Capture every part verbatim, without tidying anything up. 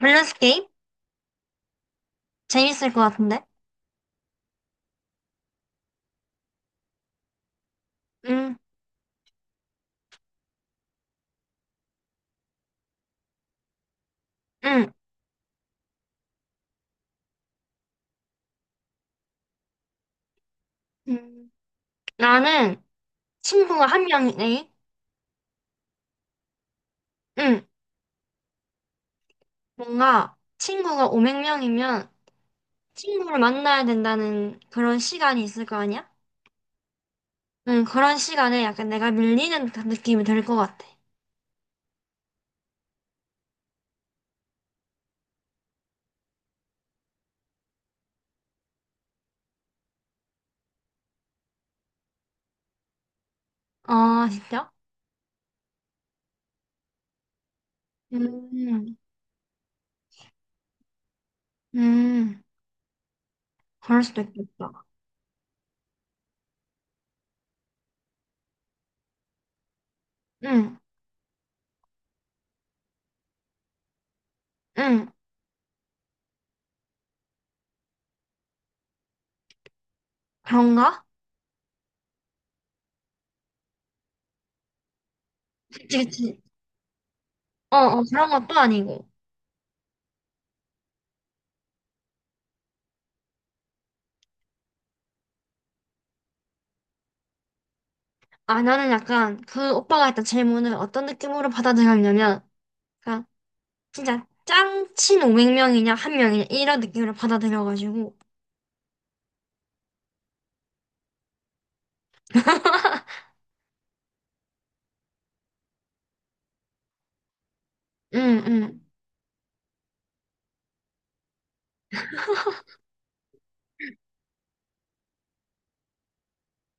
밸런스 게임? 재밌을 것 같은데? 응, 응. 음, 나는 친구가 한 명이네. 응. 뭔가 친구가 오백 명이면 친구를 만나야 된다는 그런 시간이 있을 거 아니야? 응, 그런 시간에 약간 내가 밀리는 듯한 느낌이 들 것 같아. 아, 진짜? 음, 음. 그럴 수도 있겠다. 응, 응. 그런가? 그치, 그치. 어, 어, 그런 것도 아니고. 아, 나는 약간 그 오빠가 했던 질문을 어떤 느낌으로 받아들였냐면, 진짜 짱친 오백 명이냐 한 명이냐 이런 느낌으로 받아들여가지고 응, 응.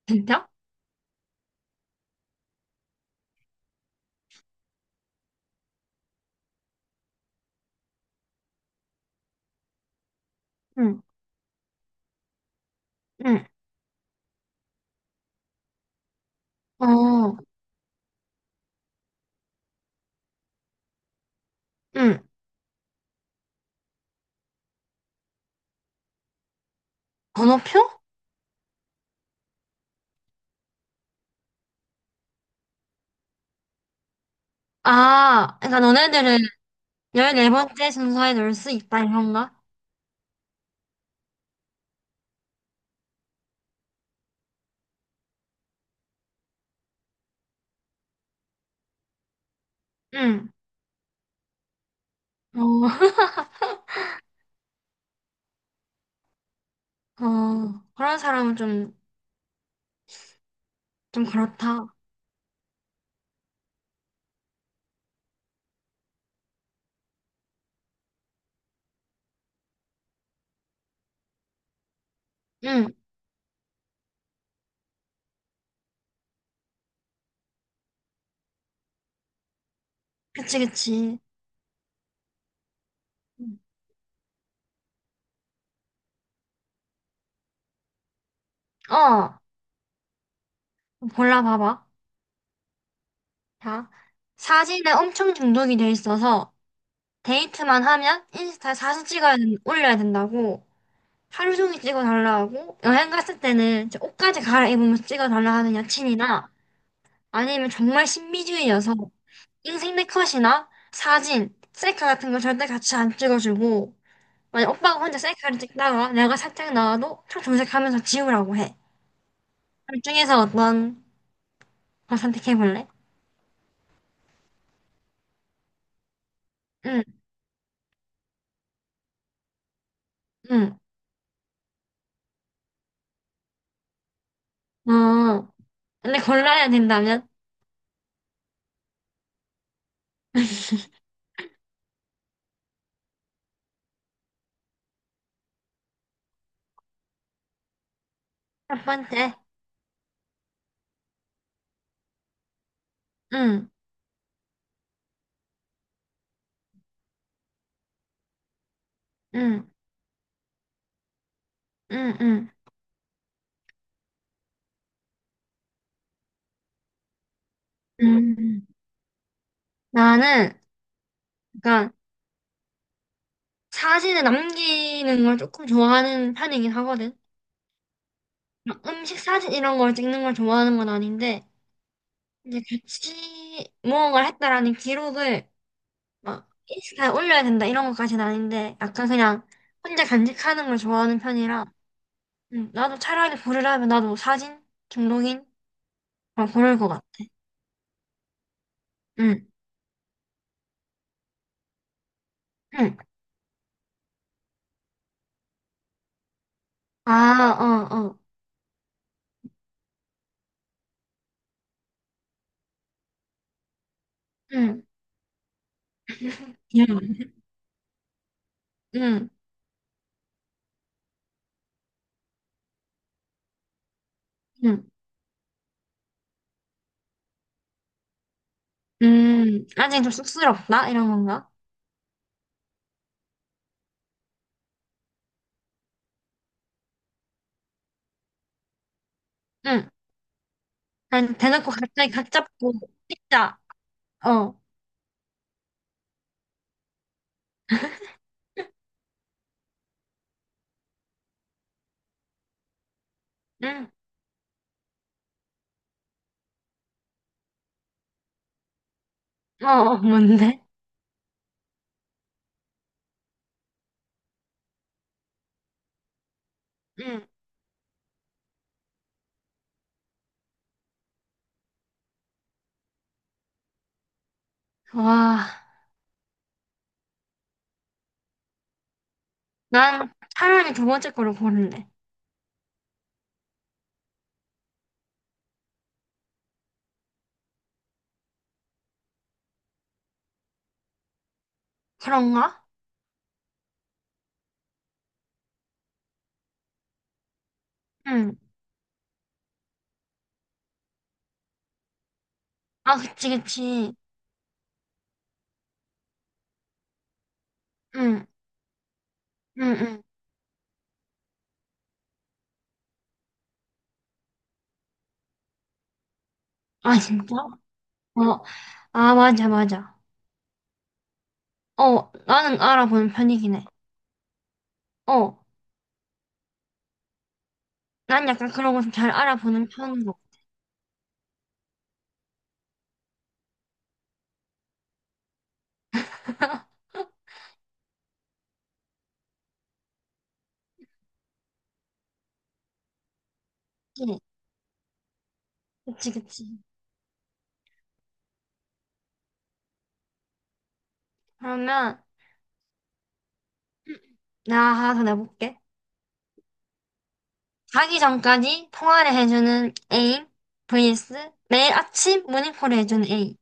진짜? 응, 응. 어, 응. 번호표? 아, 그러니까 너네들은 십사 번째 순서에 넣을 수 있다, 이런가? 응. 어, 어, 그런 사람은 좀, 좀 그렇다. 응, 그치, 그치. 응. 어, 골라봐봐. 자, 사진에 엄청 중독이 돼 있어서 데이트만 하면 인스타에 사진 찍어야 된- 올려야 된다고 하루 종일 찍어달라 하고 여행 갔을 때는 저 옷까지 갈아입으면서 찍어달라 하는 여친이나 아니면 정말 신비주의여서 인생 내 컷이나 사진, 셀카 같은 거 절대 같이 안 찍어주고 만약 오빠가 혼자 셀카를 찍다가 내가 살짝 나와도 차 정색하면서 지우라고 해. 둘 중에서 어떤 거 선택해볼래? 응, 응. 어, 근데 골라야 된다면? 첫 번째. 응, 응, 응, 응. 음, 나는 약간 사진을 남기는 걸 조금 좋아하는 편이긴 하거든. 막 음식 사진 이런 걸 찍는 걸 좋아하는 건 아닌데, 이제 같이 무언가를 했다라는 기록을 막 인스타에 올려야 된다 이런 것까지는 아닌데, 약간 그냥 혼자 간직하는 걸 좋아하는 편이라, 음, 나도 차라리 고르라면 나도 사진 중독인 걸 고를 것 같아. 응, 응. 아, 어, 어. 응, 응, 응, 응. 음, 아직 좀 쑥스럽다? 이런 건가? 응. 아니, 대놓고 갑자기 각 잡고, 피자. 어. 응. 어, 어, 뭔데? 응. 와. 난 차라리 두 번째 거를 고를래. 그런가? 응. 아, 그치, 그치. 응. 응, 응. 아, 진짜? 어. 아, 맞아, 맞아. 어, 나는 알아보는 편이긴 해. 어. 난 약간 그런 거 좀 잘 알아보는 편인 것 같아. 그치, 그치. 그치. 그러면, 나 하나 더 내볼게. 자기 전까지 통화를 해주는 A vs 매일 아침 모닝콜을 해주는 A.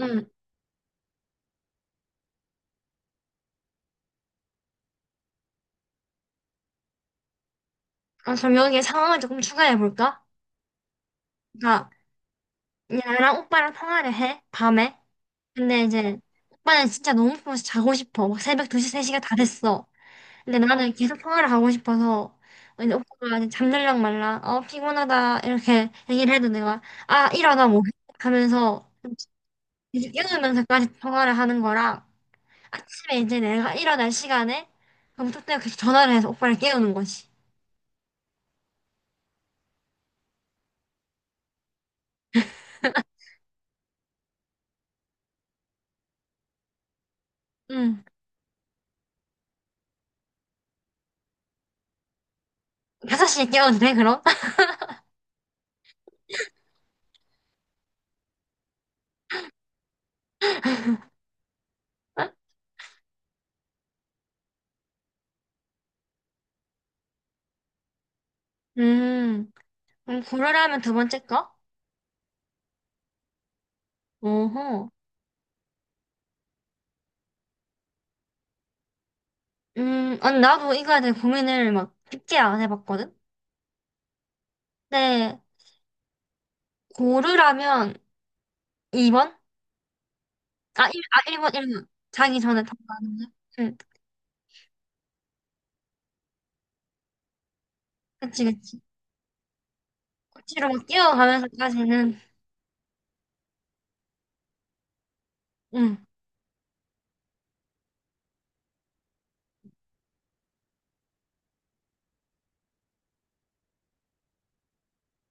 음, 아, 그럼 여기에 상황을 조금 추가해볼까? 그러니까 나랑 오빠랑 통화를 해, 밤에. 근데 이제 오빠는 진짜 너무 피곤해서 자고 싶어. 막 새벽 두 시, 세 시가 다 됐어. 근데 나는 계속 통화를 하고 싶어서 이제 오빠가 이제 잠들랑 말라. 어, 피곤하다. 이렇게 얘기를 해도 내가 아, 일어나 뭐 해? 하면서 계속 이러면서까지 통화를 하는 거랑 아침에 이제 내가 일어날 시간에 검토 때문에 계속 전화를 해서 오빠를 깨우는 거지. 응. 다섯 시에 깨워도 돼, 그럼? 음, 그럼 고르라면 두 번째 거? 어허. 음, 아니, 나도 이거에 대해 고민을 막 깊게 안 해봤거든? 근데, 고르라면 이 번? 아, 1, 아, 일번 1번. 자기 전에 다 가는 거? 응, 그치, 그치. 고치로 막뛰워가면서까지는 응.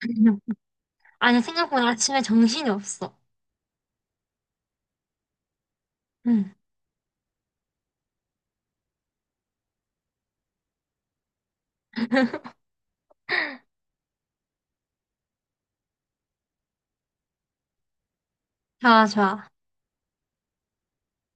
아니, 생각보다 아침에 정신이 없어. 응. 좋아, 좋아.